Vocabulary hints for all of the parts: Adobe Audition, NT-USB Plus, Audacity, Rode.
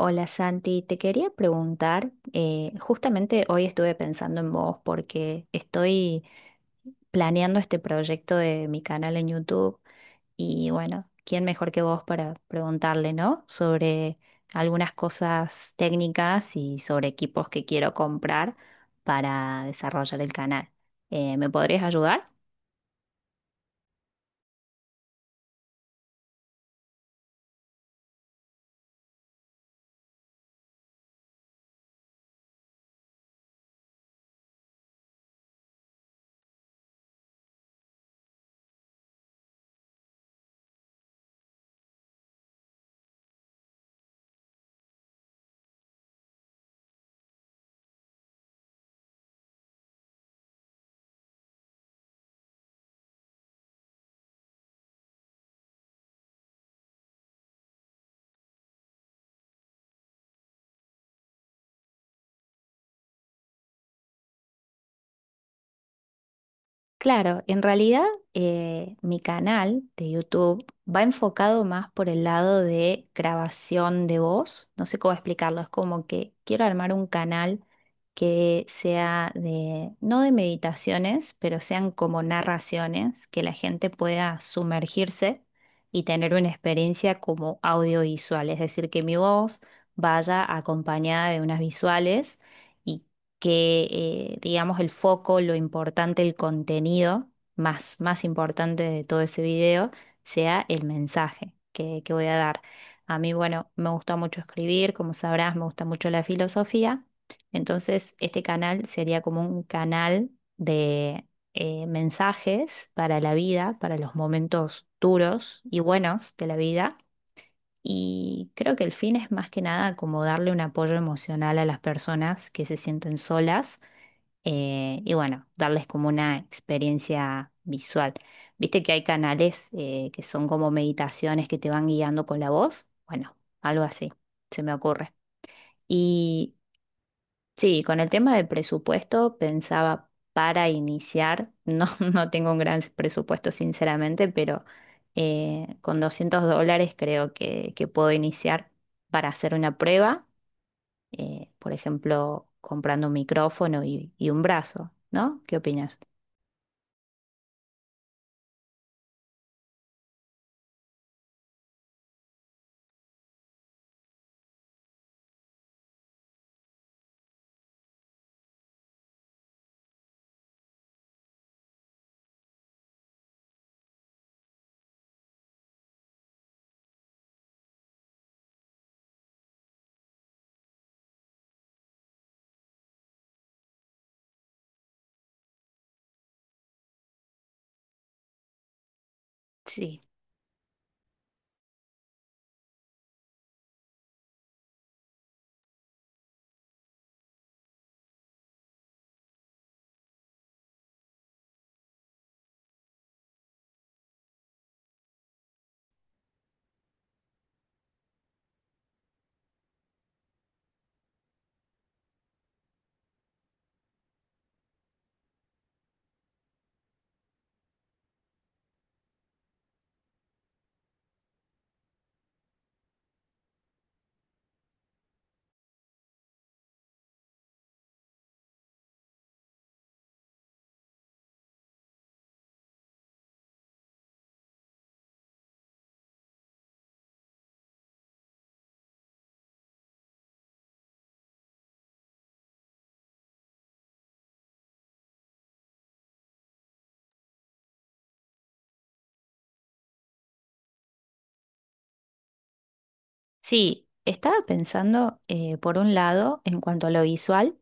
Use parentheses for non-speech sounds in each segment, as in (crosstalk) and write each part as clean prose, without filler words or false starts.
Hola Santi, te quería preguntar, justamente hoy estuve pensando en vos porque estoy planeando este proyecto de mi canal en YouTube y bueno, ¿quién mejor que vos para preguntarle, ¿no? Sobre algunas cosas técnicas y sobre equipos que quiero comprar para desarrollar el canal. ¿Me podrías ayudar? Claro, en realidad mi canal de YouTube va enfocado más por el lado de grabación de voz. No sé cómo explicarlo, es como que quiero armar un canal que sea de, no de meditaciones, pero sean como narraciones, que la gente pueda sumergirse y tener una experiencia como audiovisual, es decir, que mi voz vaya acompañada de unas visuales y que, digamos, el foco, lo importante, el contenido más importante de todo ese video sea el mensaje que voy a dar. A mí, bueno, me gusta mucho escribir, como sabrás, me gusta mucho la filosofía. Entonces, este canal sería como un canal de mensajes para la vida, para los momentos duros y buenos de la vida. Y creo que el fin es más que nada como darle un apoyo emocional a las personas que se sienten solas y bueno, darles como una experiencia visual. Viste que hay canales que son como meditaciones que te van guiando con la voz. Bueno, algo así, se me ocurre. Y sí, con el tema del presupuesto pensaba para iniciar, no, (laughs) no tengo un gran presupuesto sinceramente, pero con $200 creo que puedo iniciar para hacer una prueba, por ejemplo, comprando un micrófono y un brazo, ¿no? ¿Qué opinas? Sí. Sí, estaba pensando, por un lado, en cuanto a lo visual,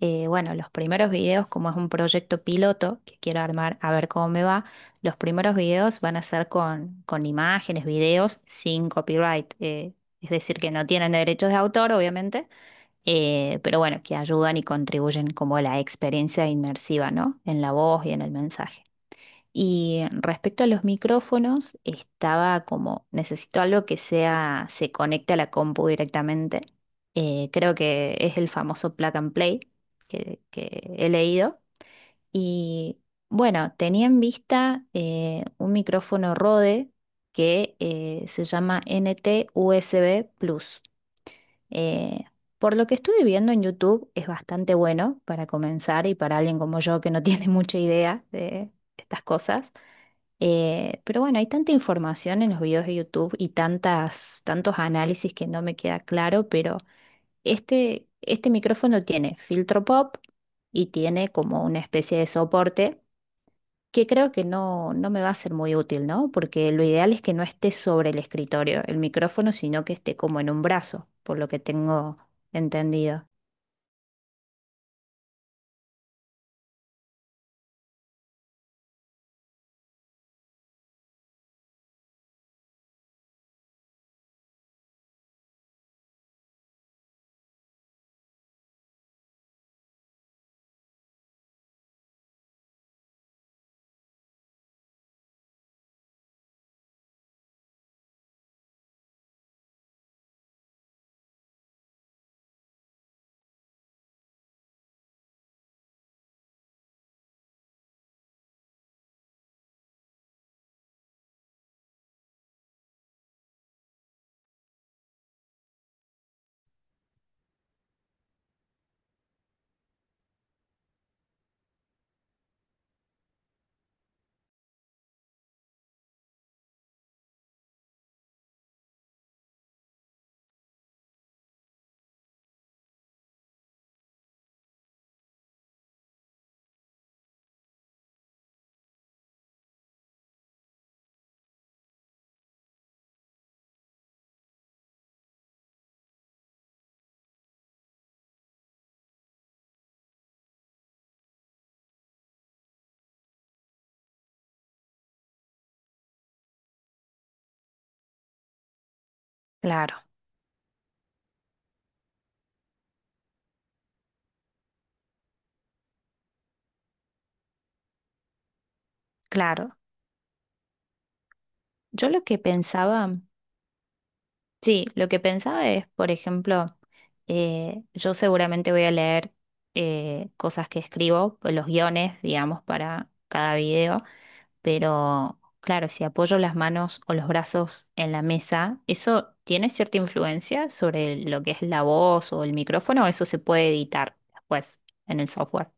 bueno, los primeros videos, como es un proyecto piloto que quiero armar a ver cómo me va, los primeros videos van a ser con imágenes, videos sin copyright, es decir, que no tienen derechos de autor, obviamente, pero bueno, que ayudan y contribuyen como a la experiencia inmersiva, ¿no? En la voz y en el mensaje. Y respecto a los micrófonos, estaba como, necesito algo que sea, se conecte a la compu directamente. Creo que es el famoso plug and play que he leído. Y bueno, tenía en vista un micrófono Rode que se llama NT-USB Plus. Eh, por lo que estuve viendo en YouTube, es bastante bueno para comenzar y para alguien como yo que no (laughs) tiene mucha idea de estas cosas. Pero bueno, hay tanta información en los videos de YouTube y tantas, tantos análisis que no me queda claro, pero este micrófono tiene filtro pop y tiene como una especie de soporte que creo que no, no me va a ser muy útil, ¿no? Porque lo ideal es que no esté sobre el escritorio, el micrófono, sino que esté como en un brazo, por lo que tengo entendido. Claro, claro. Yo lo que pensaba, sí, lo que pensaba es, por ejemplo, yo seguramente voy a leer cosas que escribo, pues, los guiones, digamos, para cada video. Pero claro, si apoyo las manos o los brazos en la mesa, ¿eso tiene cierta influencia sobre lo que es la voz o el micrófono? ¿O eso se puede editar después en el software?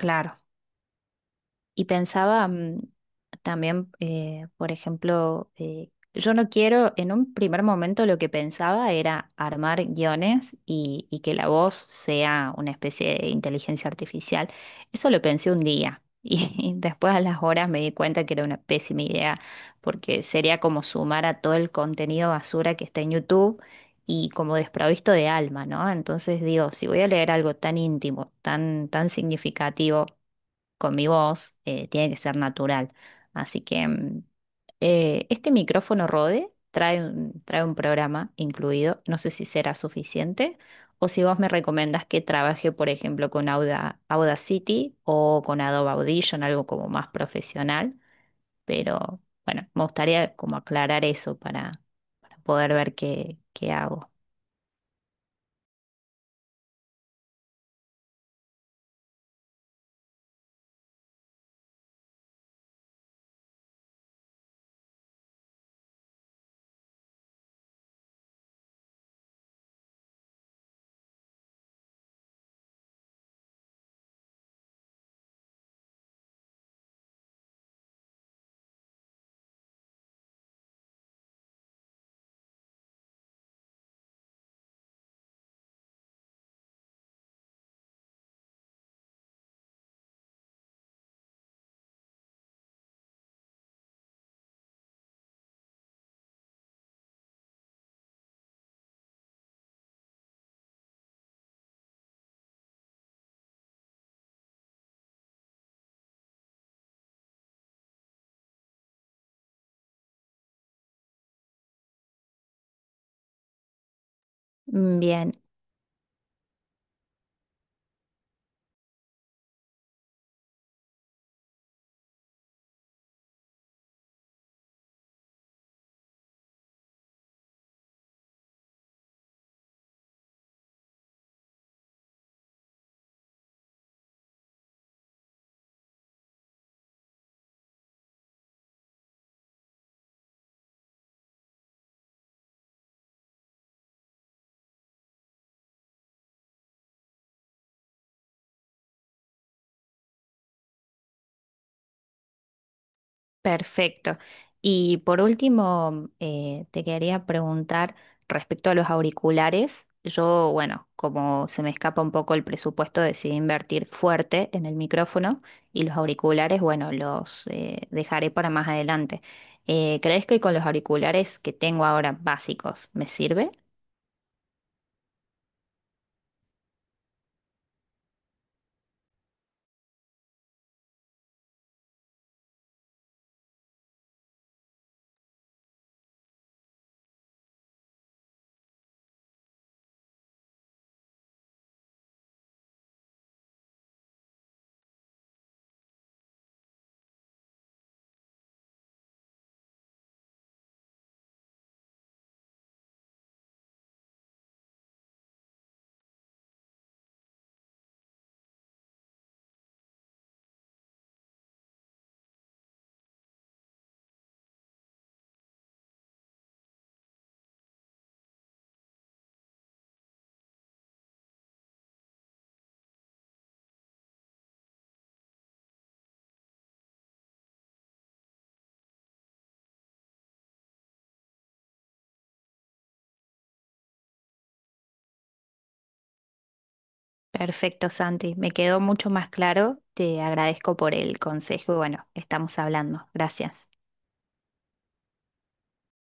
Claro. Y pensaba mm, también, por ejemplo, yo no quiero, en un primer momento lo que pensaba era armar guiones y que la voz sea una especie de inteligencia artificial. Eso lo pensé un día (laughs) y después a las horas me di cuenta que era una pésima idea porque sería como sumar a todo el contenido basura que está en YouTube y como desprovisto de alma, ¿no? Entonces digo, si voy a leer algo tan íntimo, tan, tan significativo, con mi voz, tiene que ser natural. Así que mm, este micrófono Rode trae un programa incluido. No sé si será suficiente o si vos me recomendas que trabaje, por ejemplo, con Audacity o con Adobe Audition, algo como más profesional. Pero bueno, me gustaría como aclarar eso para poder ver qué, qué hago. Mm, bien, perfecto. Y por último, te quería preguntar respecto a los auriculares. Yo, bueno, como se me escapa un poco el presupuesto, decidí invertir fuerte en el micrófono y los auriculares, bueno, los dejaré para más adelante. ¿Crees que con los auriculares que tengo ahora básicos me sirve? Perfecto, Santi. Me quedó mucho más claro. Te agradezco por el consejo y bueno, estamos hablando. Gracias.